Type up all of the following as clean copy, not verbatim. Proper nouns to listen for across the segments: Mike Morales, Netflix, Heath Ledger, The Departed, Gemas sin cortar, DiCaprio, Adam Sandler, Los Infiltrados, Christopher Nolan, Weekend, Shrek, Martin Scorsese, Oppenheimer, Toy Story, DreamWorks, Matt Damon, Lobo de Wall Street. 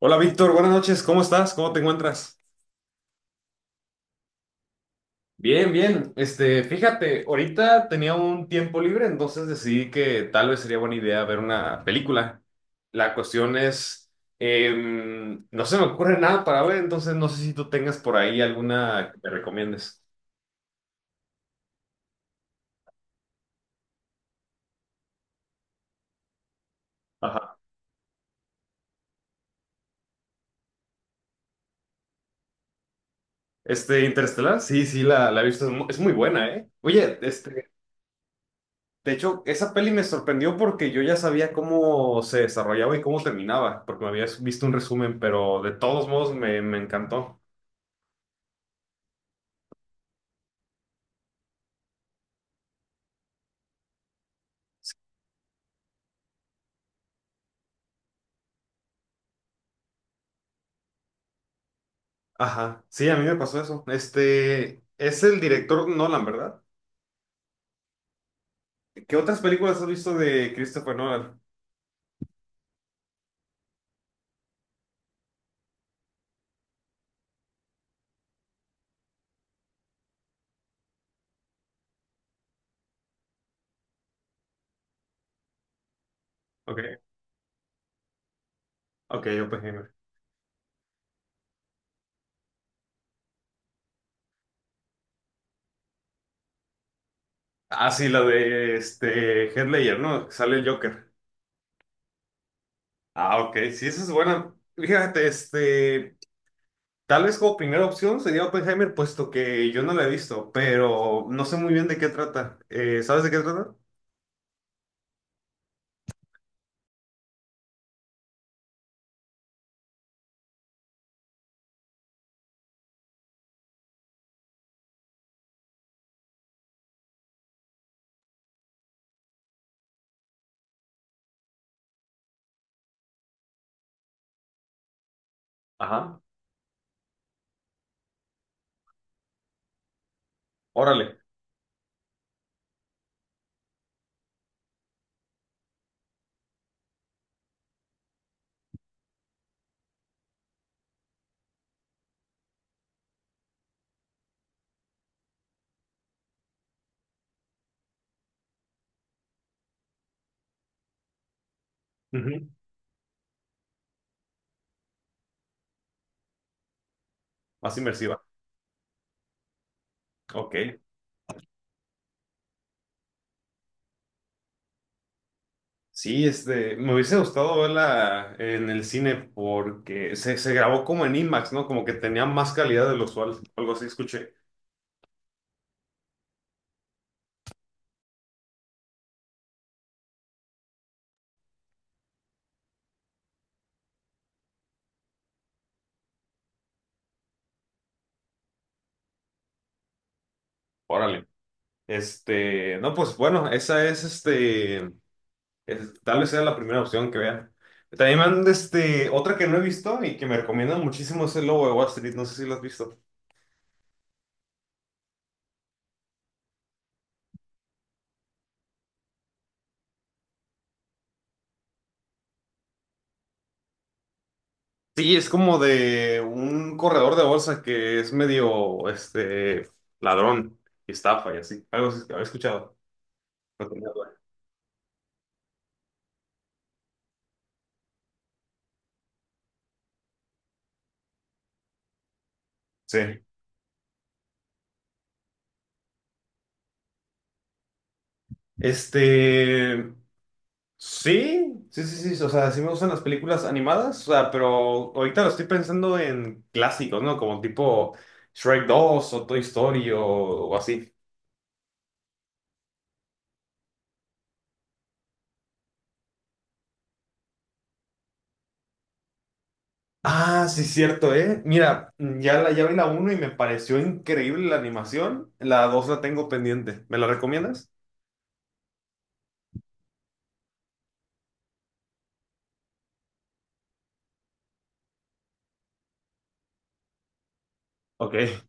Hola Víctor, buenas noches, ¿cómo estás? ¿Cómo te encuentras? Bien, bien. Fíjate, ahorita tenía un tiempo libre, entonces decidí que tal vez sería buena idea ver una película. La cuestión es, no se me ocurre nada para ver, entonces no sé si tú tengas por ahí alguna que me recomiendes. Ajá. Interestelar, sí, sí, la he visto, es muy buena, ¿eh? Oye, de hecho, esa peli me sorprendió porque yo ya sabía cómo se desarrollaba y cómo terminaba, porque me habías visto un resumen, pero de todos modos me encantó. Ajá, sí, a mí me pasó eso. Es el director Nolan, ¿verdad? ¿Qué otras películas has visto de Christopher Nolan? Ok, ok, Oppenheimer. Ah, sí, la de Heath Ledger, ¿no? Sale el Joker. Ah, ok, sí, esa es buena. Fíjate, tal vez como primera opción sería Oppenheimer, puesto que yo no la he visto, pero no sé muy bien de qué trata. ¿Sabes de qué trata? Ajá. Órale. Ujú. Más inmersiva. Ok. Sí, me hubiese gustado verla en el cine porque se grabó como en IMAX, ¿no? Como que tenía más calidad de lo usual. Algo así escuché. Órale. No, pues bueno, esa es. Tal vez sea la primera opción que vea. También me han, otra que no he visto y que me recomiendan muchísimo es el Lobo de Wall Street. No sé si lo has visto. Sí, es como de un corredor de bolsa que es medio, ladrón y estafa y así. Algo así, había escuchado. No tenía duda. Sí. Este, sí, sí, sí, sí, o sea, sí me gustan las películas animadas, o sea, pero ahorita lo estoy pensando en clásicos, ¿no? Como tipo Shrek 2 o Toy Story o así. Ah, sí, cierto, ¿eh? Mira, ya, ya vi la uno y me pareció increíble la animación. La 2 la tengo pendiente. ¿Me la recomiendas? Ok,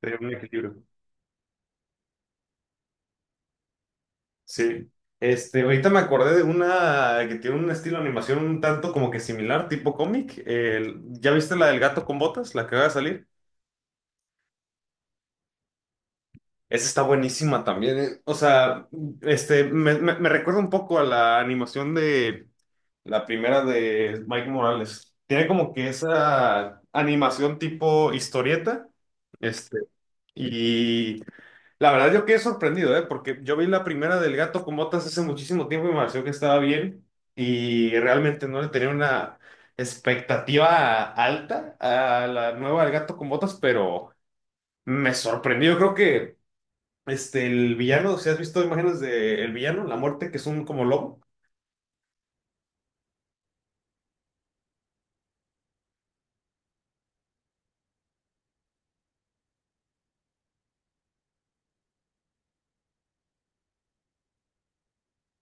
sería un equilibrio. Sí. Ahorita me acordé de una que tiene un estilo de animación un tanto como que similar, tipo cómic. ¿Ya viste la del gato con botas, la que va a salir? Esa está buenísima también, ¿eh? O sea, me recuerda un poco a la animación de la primera de Mike Morales. Tiene como que esa animación tipo historieta. Este, y la verdad yo quedé sorprendido, ¿eh? Porque yo vi la primera del gato con botas hace muchísimo tiempo y me pareció que estaba bien. Y realmente no le tenía una expectativa alta a la nueva del gato con botas, pero me sorprendió. Yo creo que el villano, si has visto imágenes del villano, la muerte, que es un como lobo.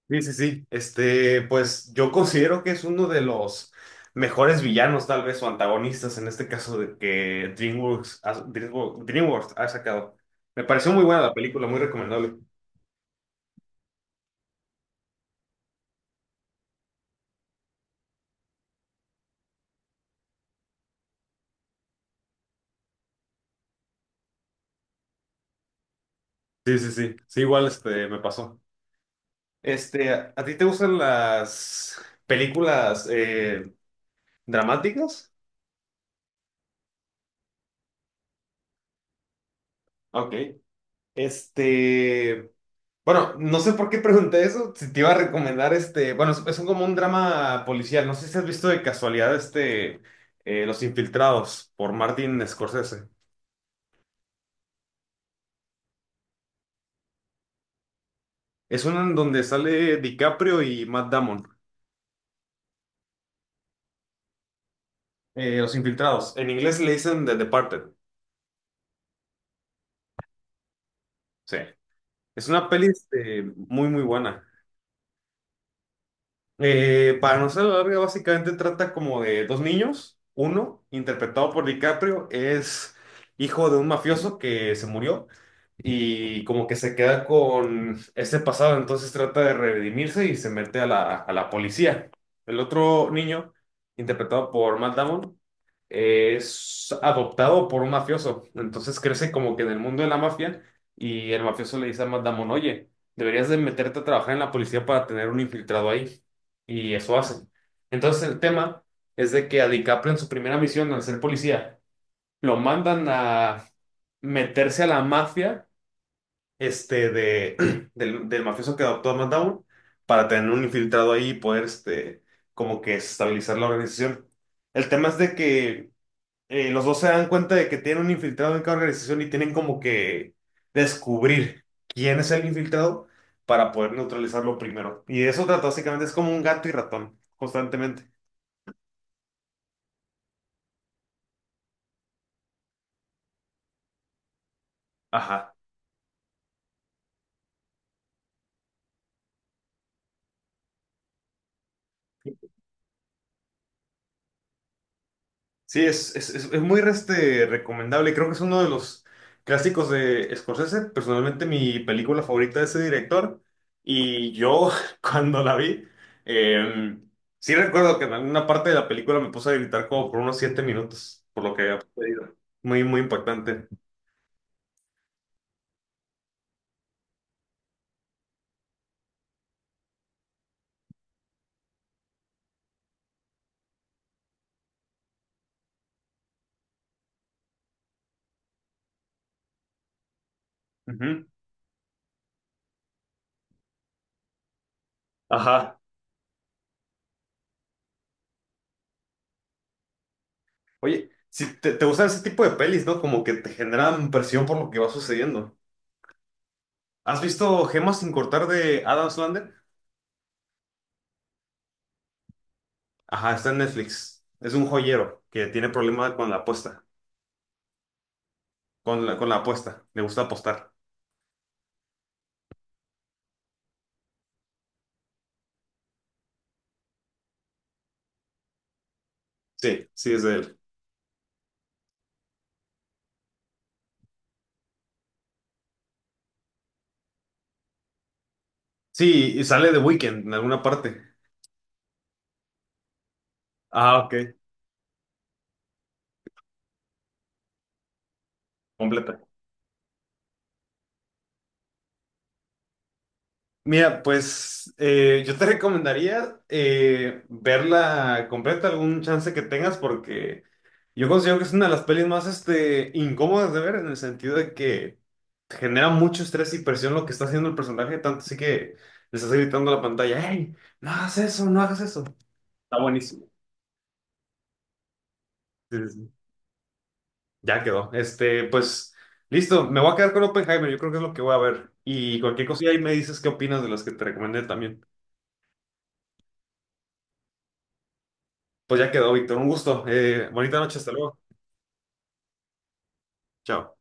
Sí, sí, sí. Pues yo considero que es uno de los mejores villanos, tal vez, o antagonistas en este caso de que DreamWorks ha sacado. Me pareció muy buena la película, muy recomendable. Sí, sí, sí. Sí, igual me pasó. ¿A ti te gustan las películas dramáticas? Ok. Este. Bueno, no sé por qué pregunté eso, si te iba a recomendar bueno, como un drama policial, no sé si has visto de casualidad Los Infiltrados por Martin Scorsese. Es uno en donde sale DiCaprio y Matt Damon, Los Infiltrados. En inglés le dicen The Departed, sí. Es una peli muy, muy buena. Para no ser la larga, básicamente trata como de dos niños, uno interpretado por DiCaprio es hijo de un mafioso que se murió y como que se queda con ese pasado, entonces trata de redimirse y se mete a la policía. El otro niño, interpretado por Matt Damon, es adoptado por un mafioso, entonces crece como que en el mundo de la mafia y el mafioso le dice a Matt Damon, oye, deberías de meterte a trabajar en la policía para tener un infiltrado ahí, y eso hace. Entonces el tema es de que a DiCaprio en su primera misión al ser policía, lo mandan a meterse a la mafia del mafioso que adoptó a Matt para tener un infiltrado ahí y poder, como que estabilizar la organización. El tema es de que los dos se dan cuenta de que tienen un infiltrado en cada organización y tienen como que descubrir quién es el infiltrado para poder neutralizarlo primero. Y de eso trata básicamente, es como un gato y ratón, constantemente. Ajá. Sí, es muy recomendable. Creo que es uno de los clásicos de Scorsese. Personalmente, mi película favorita de ese director. Y yo, cuando la vi, eh, sí recuerdo que en alguna parte de la película me puse a gritar como por unos 7 minutos, por lo que había sucedido. Muy, muy impactante. Ujú. Ajá. Oye, si te gustan ese tipo de pelis, ¿no? Como que te generan presión por lo que va sucediendo. ¿Has visto Gemas sin cortar de Adam Sandler? Ajá, está en Netflix. Es un joyero que tiene problemas con la apuesta, con la apuesta. Le gusta apostar. Sí, sí, es de él. Sí, y sale de Weekend en alguna parte. Ah, ok. Completa. Mira, pues yo te recomendaría verla completa algún chance que tengas porque yo considero que es una de las pelis más incómodas de ver en el sentido de que te genera mucho estrés y presión lo que está haciendo el personaje, tanto así que le estás gritando a la pantalla, ¡Hey! No hagas eso, no hagas eso. Está buenísimo. Sí, sí, sí. Ya quedó. Pues, listo. Me voy a quedar con Oppenheimer. Yo creo que es lo que voy a ver. Y cualquier cosilla ahí me dices qué opinas de las que te recomendé también. Pues ya quedó, Víctor. Un gusto. Bonita noche. Hasta luego. Chao.